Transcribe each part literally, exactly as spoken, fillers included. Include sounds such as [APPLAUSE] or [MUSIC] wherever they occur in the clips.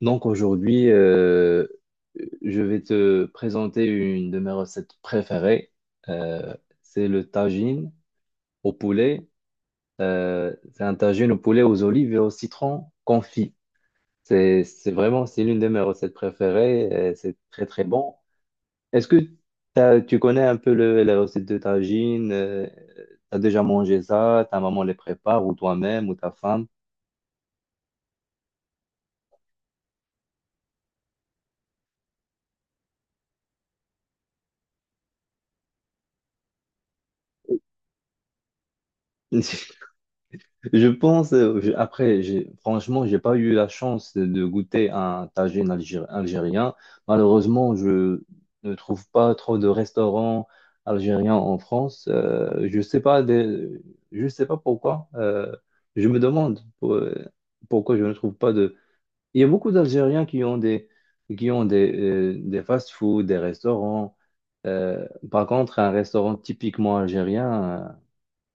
Donc aujourd'hui, euh, je vais te présenter une de mes recettes préférées. Euh, c'est le tagine au poulet. Euh, c'est un tagine au poulet aux olives et au citron confit. C'est, c'est vraiment, c'est l'une de mes recettes préférées. Et c'est très très bon. Est-ce que t'as- tu connais un peu le, la recette de tagine? Tu as déjà mangé ça? Ta maman les prépare ou toi-même ou ta femme? [LAUGHS] Je pense, euh, je- après, j'ai, franchement, j'ai pas eu la chance de goûter un tagine algéri- algérien. Malheureusement, je ne trouve pas trop de restaurants algériens en France. Euh, je sais pas des- je sais pas pourquoi. Euh, je me demande pour- euh, pourquoi je ne trouve pas de. Il y a beaucoup d'Algériens qui ont des, qui ont des, euh, des fast-food, des restaurants. Euh, Par contre, un restaurant typiquement algérien.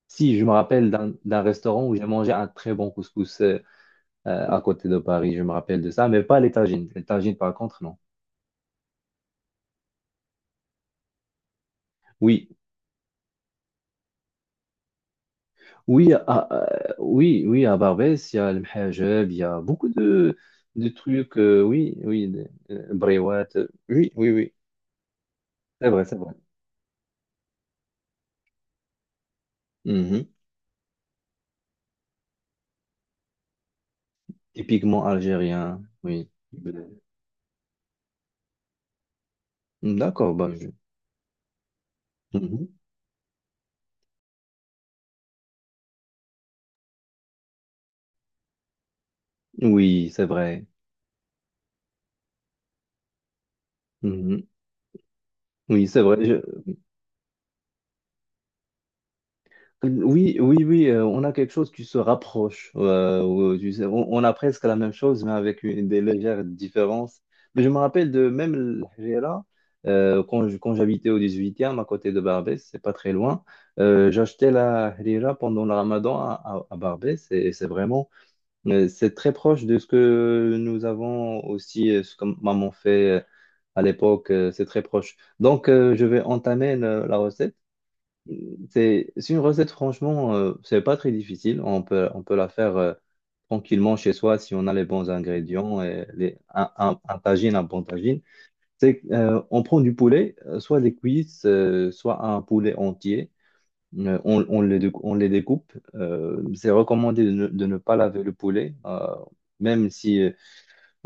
Si, je me rappelle d'un d'un restaurant où j'ai mangé un très bon couscous euh, euh, à côté de Paris, je me rappelle de ça, mais pas les tagines. Les tagines, par contre, non. Oui, oui, à, à- oui, oui, à Barbès, il y a le mhajeb, il y a beaucoup de, de trucs, euh, oui, oui, de- euh, brewat, euh, oui, oui, oui, c'est vrai, c'est vrai. Mhm. Typiquement algérien, oui. D'accord, bah, je- Mhm. Oui, c'est vrai. Mhm. Oui, c'est vrai. Oui, oui, oui, euh, on a quelque chose qui se rapproche. Euh, ou, tu sais, on, on a presque la même chose, mais avec une- des légères différences. Mais je me rappelle de même l'Algérie, euh, quand je- quand j'habitais au dix-huitième, à côté de Barbès, c'est pas très loin, euh, j'achetais la harira pendant le Ramadan à, à- à Barbès, et c'est vraiment, euh, c'est très proche de ce que nous avons aussi, euh, ce que maman fait euh, à l'époque, euh, c'est très proche. Donc, euh, je vais entamer euh, la recette. C'est c'est une recette, franchement, euh, c'est pas très difficile. On peut, on peut la faire euh, tranquillement chez soi si on a les bons ingrédients et les, un, un, un tagine, un bon tagine. C'est, euh, on prend du poulet, euh, soit des cuisses, euh, soit un poulet entier. Euh, on, on les, décou- on les découpe. Euh, c'est recommandé de ne, de ne pas laver le poulet, euh, même si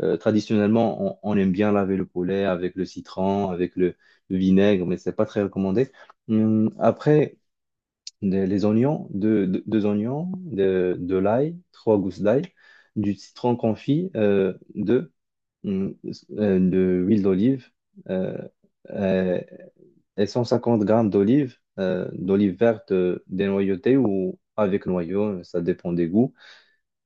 euh, traditionnellement on, on aime bien laver le poulet avec le citron, avec le, le vinaigre, mais c'est pas très recommandé. Hum, Après, des- les oignons, deux, deux- deux oignons, de, de l'ail, trois gousses d'ail, du citron confit, euh, deux, hum, euh, de l'huile d'olive, euh, euh, et cent cinquante grammes d'olive, euh, d'olive verte euh, dénoyautée ou avec noyau, ça dépend des goûts.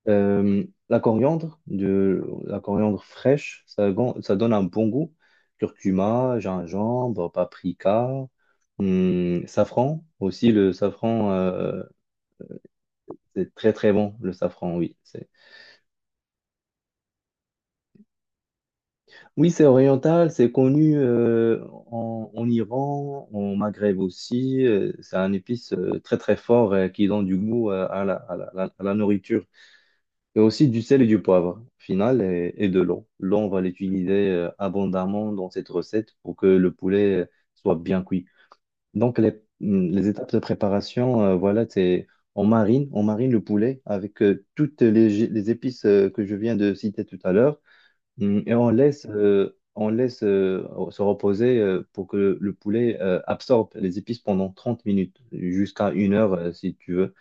Euh, la coriandre, de, la coriandre fraîche, ça, gon- ça donne un bon goût. Curcuma, gingembre, paprika, hum, safran, aussi le safran. Euh, c'est très très bon le safran, oui. C'est. Oui, c'est oriental, c'est connu euh, en, en Iran, en Maghreb aussi. Euh, c'est un épice euh, très très fort euh, qui donne du goût euh, à la, à la- à la nourriture. Et aussi du sel et du poivre, au final, et, et de l'eau. L'eau, on va l'utiliser euh, abondamment dans cette recette pour que le poulet euh, soit bien cuit. Donc les, mm, les étapes de préparation, euh, voilà, c'est on marine, on marine le poulet avec euh, toutes les, les épices euh, que je viens de citer tout à l'heure. Mm, Et on laisse, euh, on laisse euh, se reposer euh, pour que le, le poulet euh, absorbe les épices pendant trente minutes, jusqu'à une heure euh, si tu veux.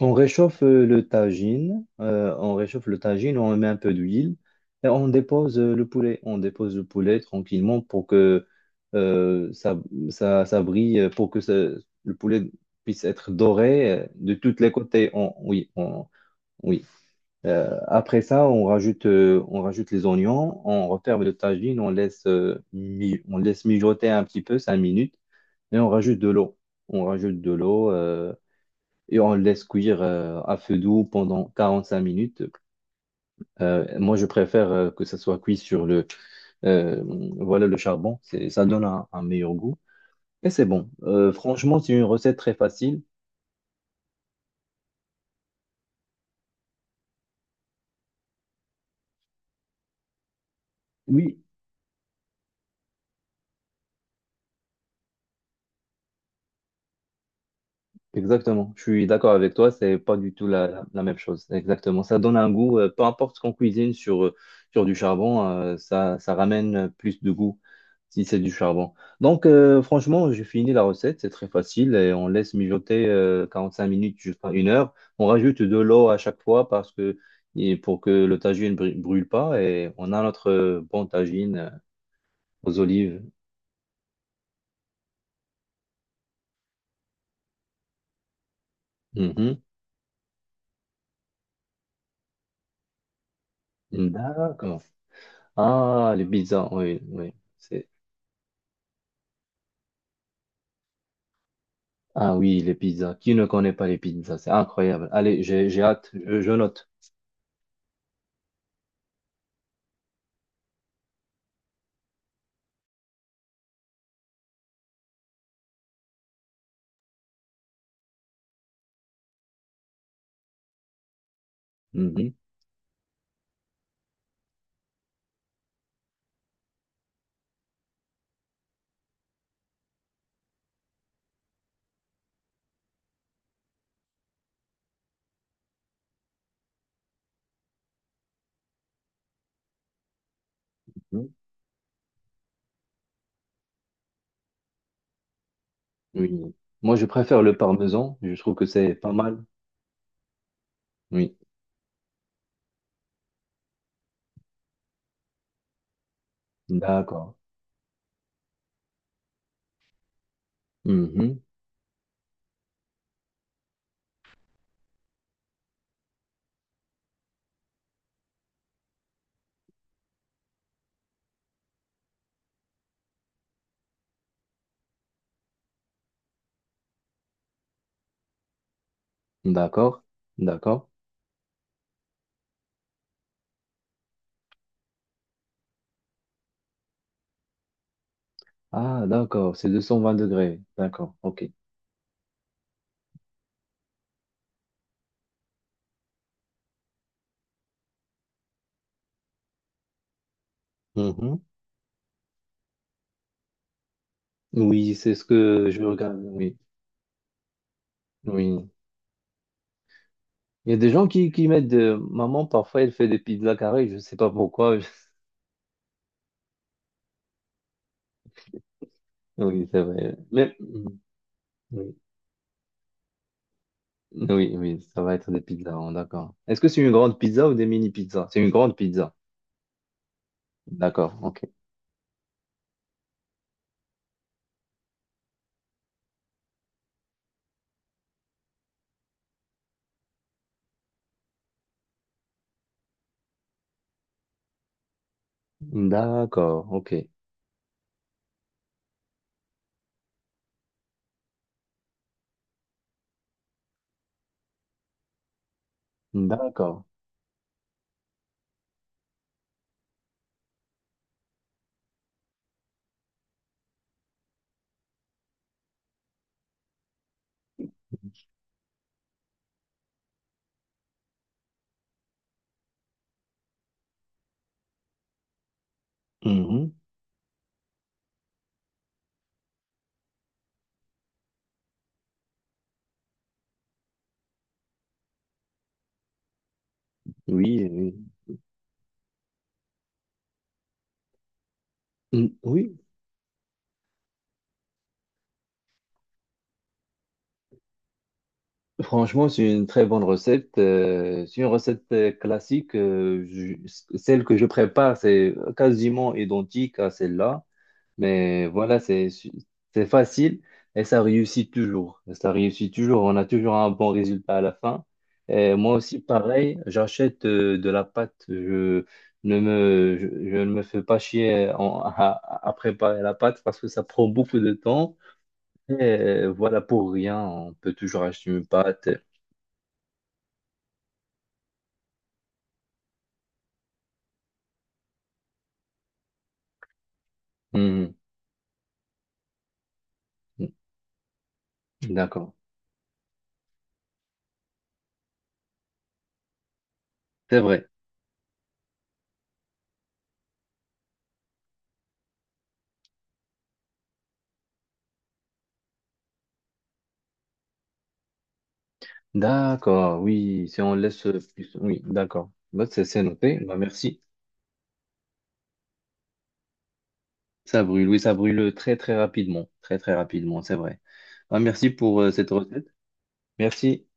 On réchauffe euh, le tagine, euh, on réchauffe le tagine, on met un peu d'huile et on dépose euh, le poulet. On dépose le poulet tranquillement pour que euh, ça, ça, ça brille, euh, pour que ça- le poulet puisse être doré euh, de tous les côtés. On- oui, on- oui. Euh, après ça, on rajoute, euh, on rajoute les oignons, on referme le tagine, on laisse, euh, mi- on laisse mijoter un petit peu, cinq minutes, et on rajoute de l'eau. On rajoute de l'eau euh, et on le laisse cuire euh, à feu doux pendant quarante-cinq minutes. Euh, moi, je préfère euh, que ça soit cuit sur le, euh, voilà, le charbon. C'est, ça donne un, un meilleur goût. Et c'est bon. Euh, franchement, c'est une recette très facile. Oui, exactement, je suis d'accord avec toi, c'est pas du tout la, la- la même chose. Exactement, ça donne un goût, euh, peu importe ce qu'on cuisine sur, euh, sur du charbon, euh, ça, ça ramène euh, plus de goût si c'est du charbon. Donc, euh, franchement, j'ai fini la recette, c'est très facile et on laisse mijoter euh, quarante-cinq minutes jusqu'à une heure. On rajoute de l'eau à chaque fois parce que, et pour que le tagine brû- brûle pas et on a notre euh, bon tagine euh, aux olives. Mhm. D'accord. Ah, les pizzas, oui, oui. Ah oui, les pizzas. Qui ne connaît pas les pizzas? C'est incroyable. Allez, j'ai, j'ai hâte. Je, je note. Mhm. Mhm. Oui. Moi, je préfère le parmesan. Je trouve que c'est pas mal. Oui. D'accord. Mhm. D'accord. D'accord. Ah, d'accord. C'est deux cent vingt degrés. D'accord. OK. Mhm. Oui, c'est ce que je regarde. Oui. Oui. Il y a des gens qui, qui mettent de... Maman, parfois, elle fait des pizzas carrées. Je ne sais pas pourquoi. [LAUGHS] Oui, c'est vrai. Mais... mhm. Oui. Oui, oui, ça va être des pizzas, hein, d'accord. Est-ce que c'est une grande pizza ou des mini-pizzas? C'est une grande pizza. D'accord, ok. D'accord, ok. D'accord. Mhm. Oui, oui. Mm, Oui, franchement, c'est une très bonne recette. Euh, c'est une recette euh, classique. Euh, je- celle que je prépare, c'est quasiment identique à celle-là. Mais voilà, c'est c'est facile et ça réussit toujours. Ça réussit toujours. On a toujours un bon résultat à la fin. Et moi aussi, pareil, j'achète euh, de la pâte. Je ne me, je, je ne me fais pas chier en- [LAUGHS] à, à préparer la pâte parce que ça prend beaucoup de temps. Et euh, voilà, pour rien, on peut toujours acheter une pâte. Hmm, D'accord, c'est vrai. D'accord, oui, si on laisse plus. Oui, d'accord. Bah, c'est c'est noté. Bah, merci. Ça brûle, oui, ça brûle très très rapidement, très très rapidement, c'est vrai. Ah, merci pour euh, cette recette. Merci.